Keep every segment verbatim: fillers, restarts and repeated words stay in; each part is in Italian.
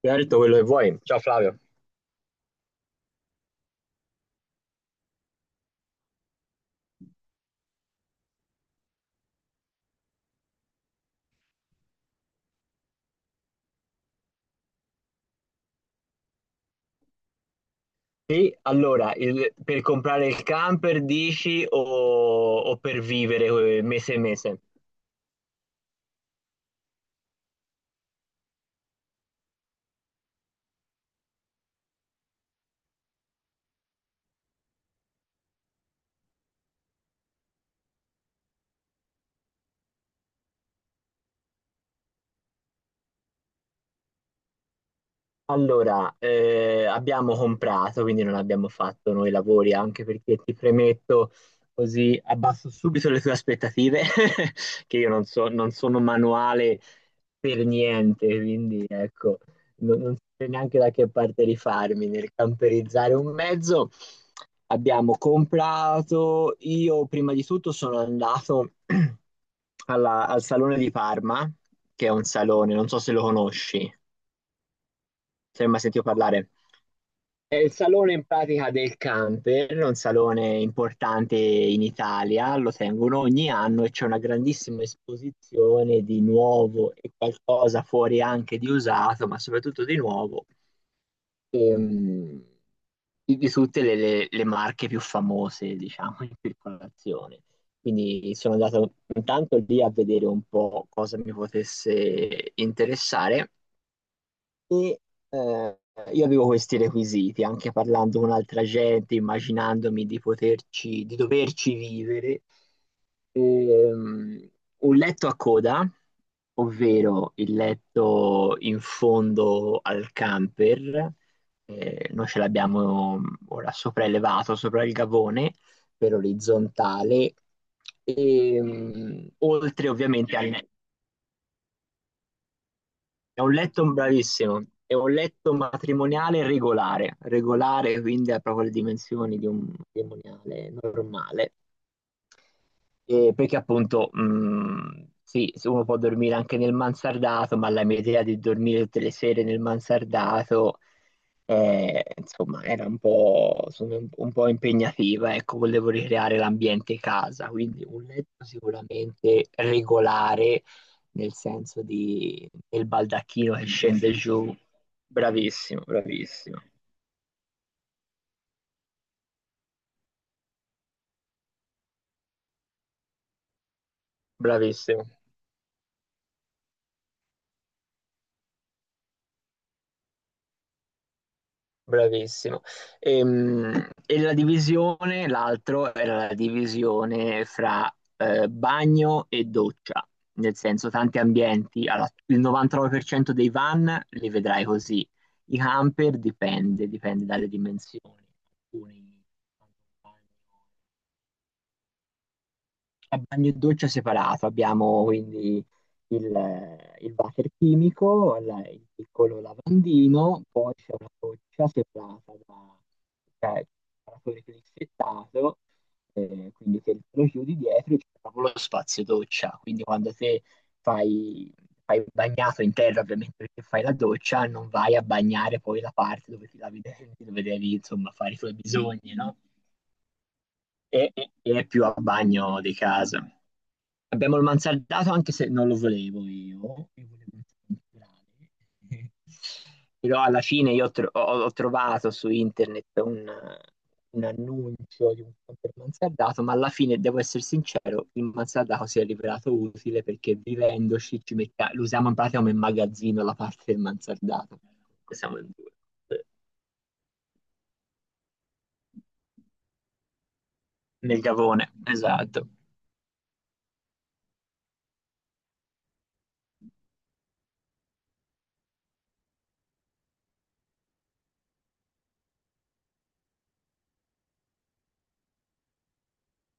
Ti ha detto quello che vuoi. Ciao Flavio. Sì, allora, il- per comprare il camper dici, o, o per vivere eh, mese e mese? Allora, eh, abbiamo comprato, quindi non abbiamo fatto noi lavori, anche perché ti premetto così abbasso subito le tue aspettative. Che io non so, non sono manuale per niente, quindi ecco, non, non so neanche da che parte rifarmi nel camperizzare un mezzo. Abbiamo comprato, io prima di tutto sono andato alla- al Salone di Parma, che è un salone, non so se lo conosci, se hai mai sentito parlare. È il salone in pratica del camper, è un salone importante in Italia, lo tengono ogni anno e c'è una grandissima esposizione di nuovo e qualcosa fuori anche di usato, ma soprattutto di nuovo, ehm, di, di tutte le, le- le marche più famose, diciamo, in circolazione. Quindi sono andato intanto lì a vedere un po' cosa mi potesse interessare e eh, io avevo questi requisiti, anche parlando con altra gente, immaginandomi di poterci, di doverci vivere. Ehm, un letto a coda, ovvero il letto in fondo al camper, eh, noi ce l'abbiamo ora sopraelevato sopra il gavone per orizzontale, e, mm, oltre ovviamente al, è un letto bravissimo, è un letto matrimoniale regolare, regolare quindi ha proprio le dimensioni di un matrimoniale normale, e perché appunto, mh, sì, se uno può dormire anche nel mansardato, ma la mia idea di dormire tutte le sere nel mansardato, eh, insomma, era un po', insomma, un, un po' impegnativa. Ecco, volevo ricreare l'ambiente casa, quindi un letto sicuramente regolare, nel senso di, del baldacchino che scende giù. Bravissimo, bravissimo, bravissimo. Bravissimo. Ehm, E, la divisione, l'altro era la divisione fra eh, bagno e doccia, nel senso tanti ambienti, allora, il novantanove per cento dei van li vedrai così, i camper dipende, dipende dalle dimensioni, alcuni hanno un bagno a bagno e doccia separato. Abbiamo quindi il, il water chimico, la- il piccolo lavandino, poi c'è una doccia separata da, cioè, separatore crispettato, eh, quindi che lo chiudi dietro e c'è proprio lo spazio doccia, quindi quando te fai, fai il bagnato in terra ovviamente perché fai la doccia, non vai a bagnare poi la parte dove ti lavi i denti, dove devi insomma fare i tuoi bisogni, no? E, e- e è più a bagno di casa. Abbiamo il mansardato anche se non lo volevo io, io volevo il temporale. Però alla fine io ho, tro- ho- ho trovato su internet un, un annuncio di un camper mansardato, ma alla fine, devo essere sincero, il mansardato si è rivelato utile perché vivendoci ci metta- lo usiamo in pratica come magazzino la parte del mansardato. Siamo in due. Nel gavone, esatto.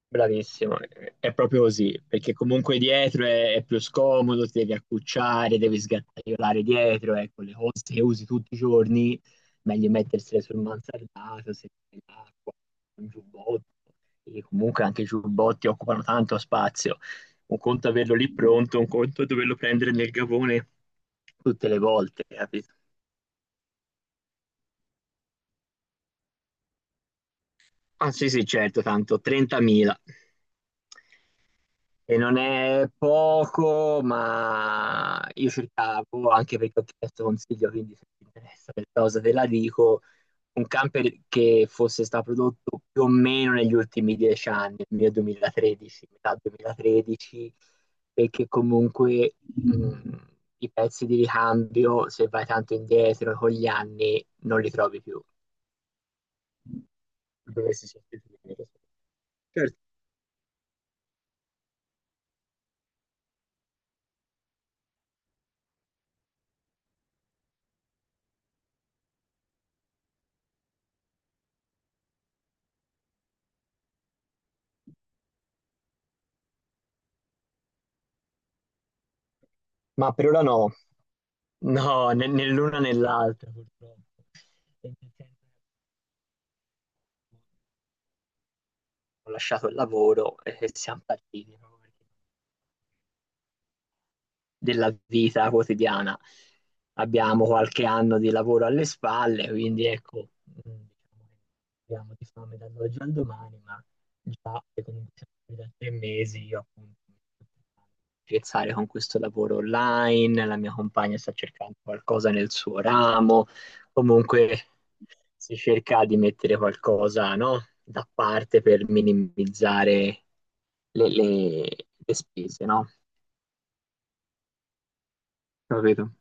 Bravissimo, è è proprio così, perché comunque dietro è, è più scomodo, ti devi accucciare, devi sgattaiolare dietro, ecco, le cose che usi tutti i giorni, meglio mettersele sul mansardato, se fai l'acqua, un giubbotto, e comunque anche i giubbotti occupano tanto spazio. Un conto averlo lì pronto, un conto doverlo prendere nel gavone tutte le volte, capito? Ah sì sì, certo, tanto trentamila. E non è poco, ma io cercavo, anche perché ho chiesto consiglio, quindi se ti interessa questa cosa te la dico, un camper che fosse stato prodotto più o meno negli ultimi dieci anni, nel duemilatredici, metà duemilatredici, perché comunque mh, i pezzi di ricambio, se vai tanto indietro con gli anni, non li trovi più. Dovresti sostituirli. Certo. Ma per ora no. No, né né l'una né l'altra purtroppo. E nel frattempo ho lasciato il lavoro e siam partiti proprio perché della vita quotidiana. Abbiamo qualche anno di lavoro alle spalle, quindi ecco, mm, diciamo che abbiamo di fame dall'oggi al domani, ma già che comunque siamo qui da tre mesi, io appunto mi sto cercando di scherzare con questo lavoro online, la mia compagna sta cercando qualcosa nel suo ramo, comunque si cerca di mettere qualcosa, no, da parte per minimizzare le, le- le spese, no? Capito?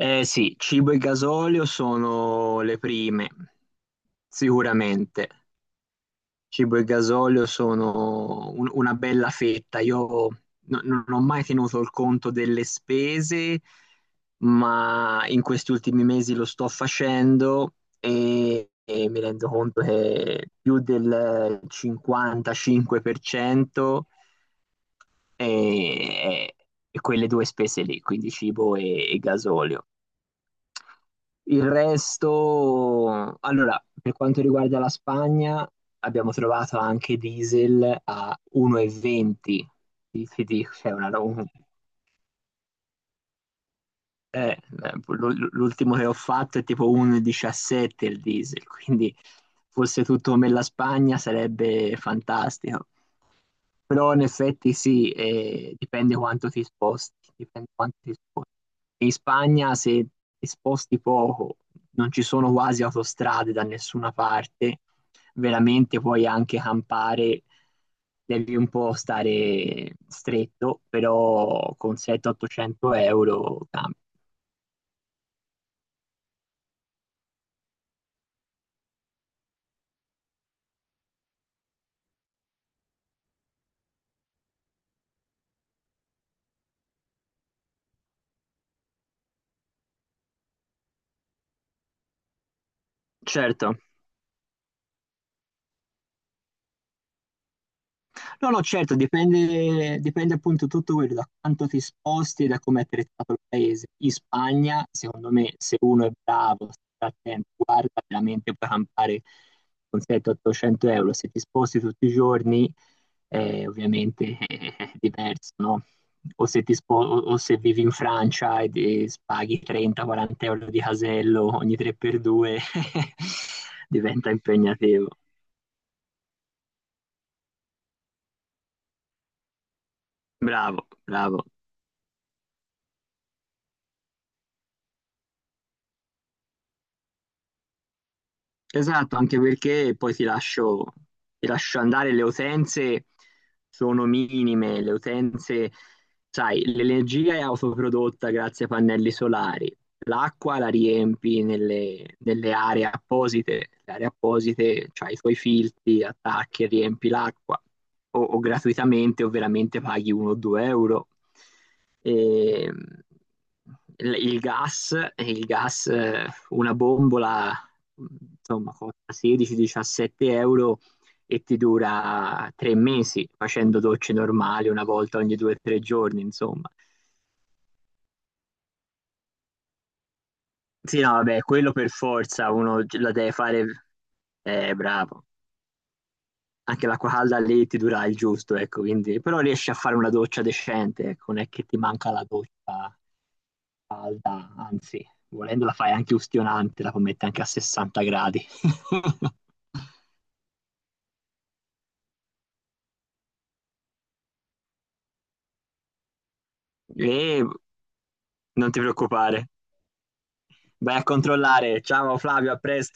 Eh sì, cibo e gasolio sono le prime, sicuramente. Cibo e gasolio sono un- una bella fetta. Io no- non ho mai tenuto il conto delle spese, ma in questi ultimi mesi lo sto facendo e e mi rendo conto che più del cinquantacinque per cento, e, e quelle due spese lì, quindi cibo e, e gasolio. Il resto, allora, per quanto riguarda la Spagna, abbiamo trovato anche diesel a uno e venti. Ti, ti dico, c'è una roba- eh, l'u- l'ultimo che ho fatto è tipo uno virgola diciassette il diesel, quindi fosse tutto come la Spagna sarebbe fantastico. Però in effetti sì, eh, dipende quanto ti sposti, dipende quanto ti sposti. In Spagna se ti sposti poco, non ci sono quasi autostrade da nessuna parte, veramente puoi anche campare, devi un po' stare stretto, però con settecento-ottocento euro campi. Certo. No, no, certo, dipende, dipende appunto tutto quello da quanto ti sposti e da come è trattato il paese. In Spagna, secondo me, se uno è bravo, sta attento, guarda, veramente puoi campare con settecento-ottocento euro. Se ti sposti tutti i giorni, eh, ovviamente è diverso, no? O se, ti spo- o- o se vivi in Francia e ti- paghi trenta-quaranta euro di casello ogni tre per due, diventa impegnativo. Bravo, bravo. Esatto, anche perché poi ti lascio, ti lascio andare, le utenze sono minime, le utenze, sai, l'energia è autoprodotta grazie ai pannelli solari, l'acqua la riempi nelle, nelle aree apposite, le aree apposite, cioè i tuoi filtri, attacchi, e riempi l'acqua, o, o gratuitamente o veramente paghi uno-due euro. E, il il gas, il gas, eh, una bombola insomma, costa sedici-diciassette euro e ti dura tre mesi facendo docce normali una volta ogni due o tre giorni, insomma. Sì, no, vabbè, quello per forza uno la deve fare, eh, bravo. Anche l'acqua calda lì ti dura il giusto, ecco, quindi, però riesci a fare una doccia decente, ecco, non è che ti manca la doccia calda, anzi, volendo la fai anche ustionante, la puoi mettere anche a sessanta gradi. E non ti preoccupare. Vai a controllare. Ciao Flavio, a presto.